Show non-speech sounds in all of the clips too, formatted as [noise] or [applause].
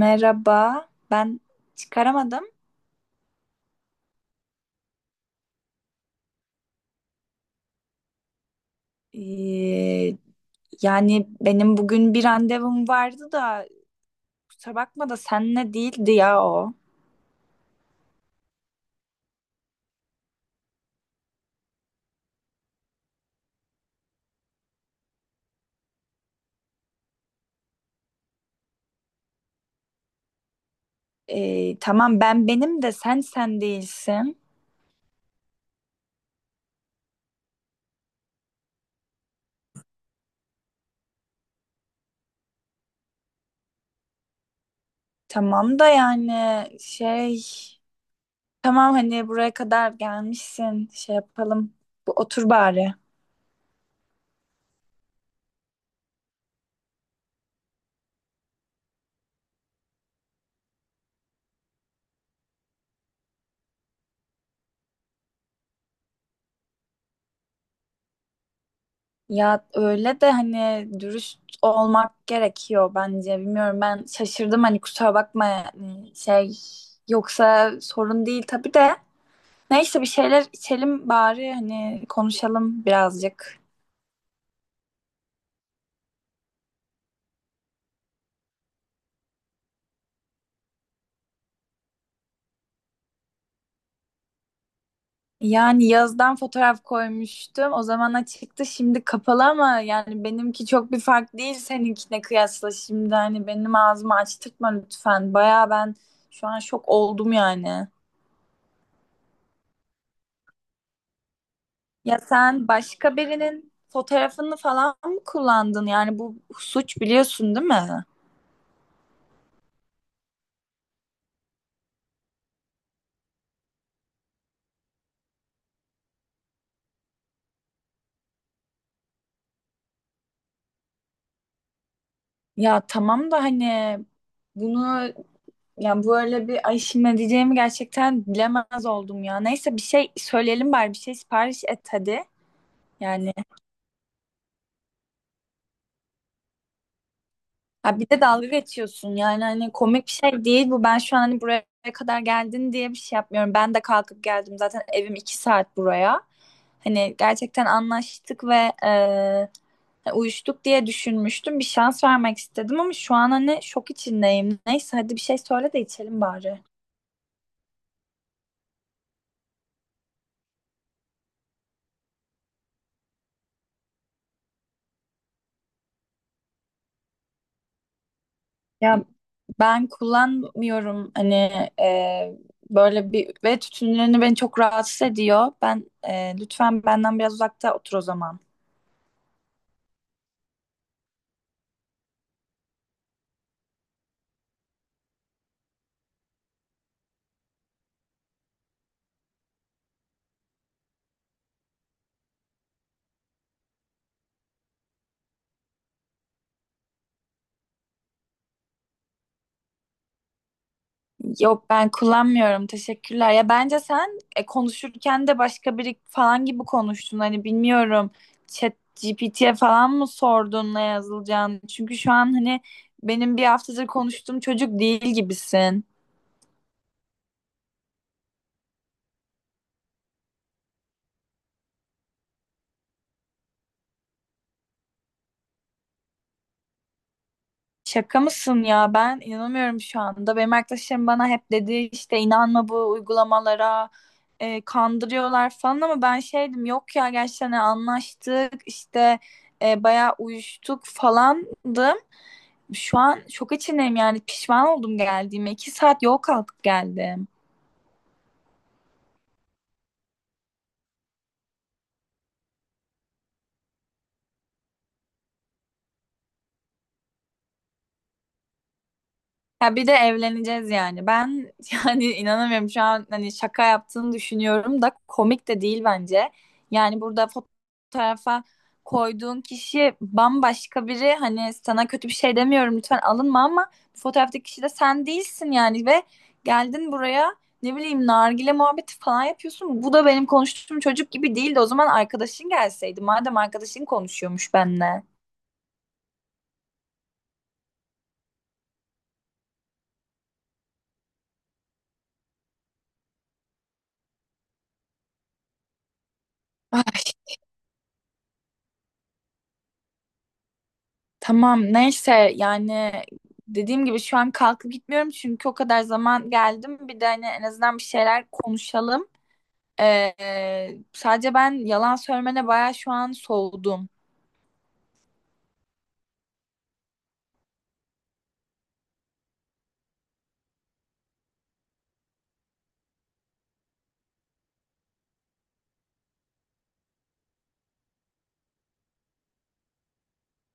Merhaba. Çıkaramadım. Ee, Yani benim bugün bir randevum vardı da kusura bakma da senle değildi ya o. Tamam ben benim de sen değilsin. Tamam da yani şey tamam hani buraya kadar gelmişsin şey yapalım. Bu otur bari. Ya öyle de hani dürüst olmak gerekiyor bence. Bilmiyorum ben şaşırdım hani kusura bakma yani şey yoksa sorun değil tabii de. Neyse bir şeyler içelim bari hani konuşalım birazcık. Yani yazdan fotoğraf koymuştum. O zamana çıktı şimdi kapalı ama yani benimki çok bir fark değil seninkine kıyasla. Şimdi hani benim ağzımı açtırtma lütfen. Baya şu an şok oldum yani. Ya sen başka birinin fotoğrafını falan mı kullandın? Yani bu suç biliyorsun değil mi? Ya tamam da hani bunu ya böyle bir ay şimdi ne diyeceğimi gerçekten bilemez oldum ya. Neyse bir şey söyleyelim bari, bir şey sipariş et hadi. Yani. Ha bir de dalga geçiyorsun yani hani komik bir şey değil bu. Ben şu an hani buraya kadar geldin diye bir şey yapmıyorum. Ben de kalkıp geldim zaten, evim iki saat buraya. Hani gerçekten anlaştık ve uyuştuk diye düşünmüştüm. Bir şans vermek istedim ama şu an hani şok içindeyim. Neyse hadi bir şey söyle de içelim bari. Ya ben kullanmıyorum hani, e, böyle bir ve tütünlerini beni çok rahatsız ediyor. Ben, lütfen benden biraz uzakta otur o zaman. Yok ben kullanmıyorum. Teşekkürler. Ya bence sen, konuşurken de başka biri falan gibi konuştun. Hani bilmiyorum. Chat GPT'ye falan mı sordun ne yazılacağını? Çünkü şu an hani benim bir haftadır konuştuğum çocuk değil gibisin. Şaka mısın ya? Ben inanamıyorum şu anda. Benim arkadaşlarım bana hep dedi işte inanma bu uygulamalara. Kandırıyorlar falan ama ben şeydim yok ya gerçekten hani anlaştık işte, bayağı uyuştuk falandım. Şu an şok içindeyim yani pişman oldum geldiğime. İki saat yol kalkıp geldim. Ya bir de evleneceğiz yani. Ben [laughs] yani inanamıyorum şu an hani şaka yaptığını düşünüyorum da komik de değil bence. Yani burada fotoğrafa koyduğun kişi bambaşka biri. Hani sana kötü bir şey demiyorum lütfen alınma ama bu fotoğraftaki kişi de sen değilsin yani ve geldin buraya ne bileyim nargile muhabbeti falan yapıyorsun. Bu da benim konuştuğum çocuk gibi değildi. O zaman arkadaşın gelseydi. Madem arkadaşın konuşuyormuş benimle. Ay. Tamam neyse yani dediğim gibi şu an kalkıp gitmiyorum çünkü o kadar zaman geldim. Bir de hani en azından bir şeyler konuşalım. Ee, Sadece ben yalan söylemene bayağı şu an soğudum.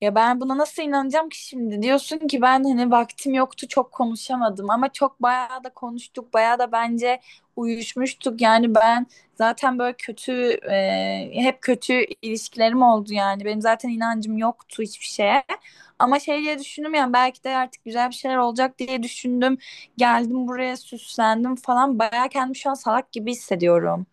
Ya ben buna nasıl inanacağım ki şimdi? Diyorsun ki ben hani vaktim yoktu çok konuşamadım ama çok bayağı da konuştuk, bayağı da bence uyuşmuştuk yani ben zaten böyle kötü, hep kötü ilişkilerim oldu yani benim zaten inancım yoktu hiçbir şeye ama şey diye düşündüm yani belki de artık güzel bir şeyler olacak diye düşündüm, geldim buraya süslendim falan bayağı, kendimi şu an salak gibi hissediyorum.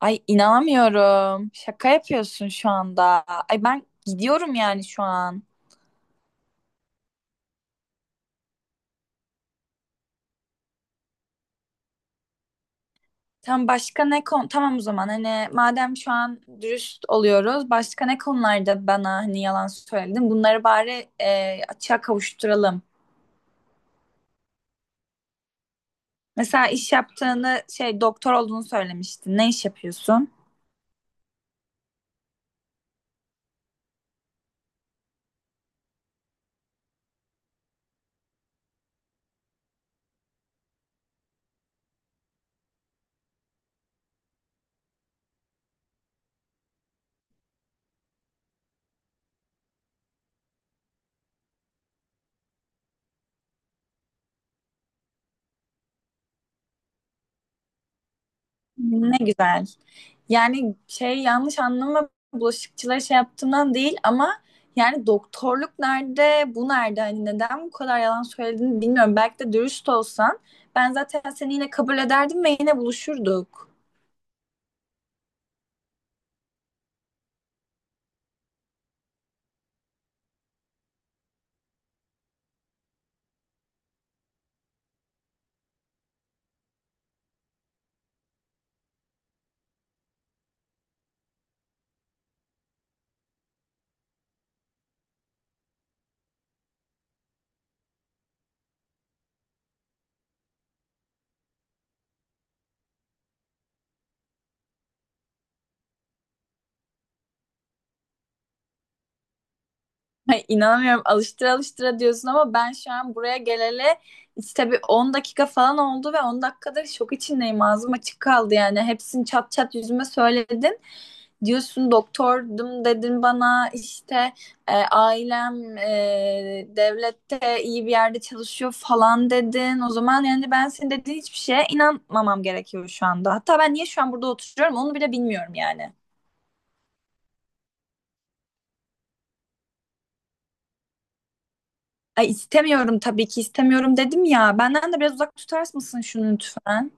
Ay inanamıyorum. Şaka yapıyorsun şu anda. Ay ben gidiyorum yani şu an. Tam başka ne konu? Tamam o zaman hani madem şu an dürüst oluyoruz. Başka ne konularda bana hani yalan söyledin? Bunları bari, açığa kavuşturalım. Mesela iş yaptığını şey doktor olduğunu söylemiştin. Ne iş yapıyorsun? Ne güzel. Yani şey yanlış anlama bulaşıkçılara şey yaptığımdan değil ama yani doktorluk nerede, bu nerede? Hani neden bu kadar yalan söylediğini bilmiyorum. Belki de dürüst olsan ben zaten seni yine kabul ederdim ve yine buluşurduk. Ay, inanamıyorum, alıştıra alıştıra diyorsun ama ben şu an buraya geleli işte bir 10 dakika falan oldu ve 10 dakikadır şok içindeyim. Ağzım açık kaldı yani. Hepsini çat çat yüzüme söyledin. Diyorsun doktordum, dedin bana işte, ailem devlette iyi bir yerde çalışıyor falan dedin. O zaman yani ben senin dediğin hiçbir şeye inanmamam gerekiyor şu anda. Hatta ben niye şu an burada oturuyorum onu bile bilmiyorum yani. Ay istemiyorum, tabii ki istemiyorum dedim ya. Benden de biraz uzak tutar mısın şunu lütfen?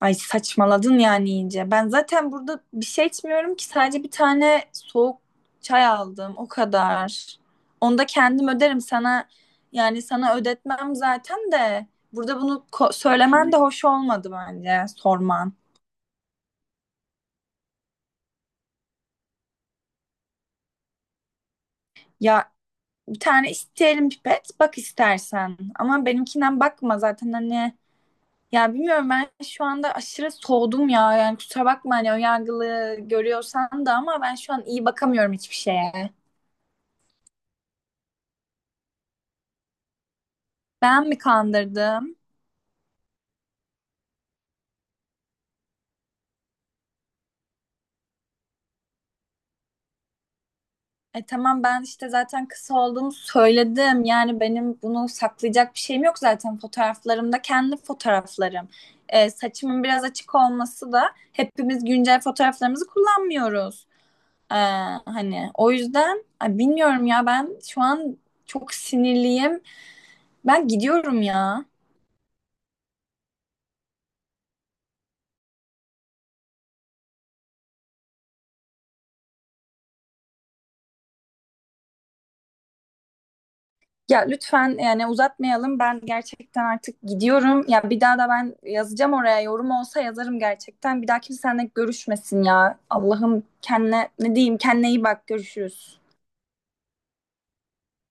Ay saçmaladın yani iyice. Ben zaten burada bir şey içmiyorum ki, sadece bir tane soğuk çay aldım o kadar. Onu da kendim öderim, sana yani sana ödetmem zaten de burada bunu söylemen de hoş olmadı bence, sorman. Ya bir tane isteyelim pipet bak istersen ama benimkinden bakma zaten hani ya bilmiyorum ben şu anda aşırı soğudum ya yani kusura bakma hani önyargılı görüyorsan da ama ben şu an iyi bakamıyorum hiçbir şeye. Ben mi kandırdım? E tamam ben işte zaten kısa olduğumu söyledim. Yani benim bunu saklayacak bir şeyim yok zaten. Fotoğraflarımda kendi fotoğraflarım. E, saçımın biraz açık olması da, hepimiz güncel fotoğraflarımızı kullanmıyoruz. E, hani o yüzden ay, bilmiyorum ya ben şu an çok sinirliyim. Ben gidiyorum ya. Ya lütfen yani uzatmayalım. Ben gerçekten artık gidiyorum. Ya bir daha da ben yazacağım oraya. Yorum olsa yazarım gerçekten. Bir daha kimse seninle görüşmesin ya. Allah'ım kendine ne diyeyim? Kendine iyi bak. Görüşürüz.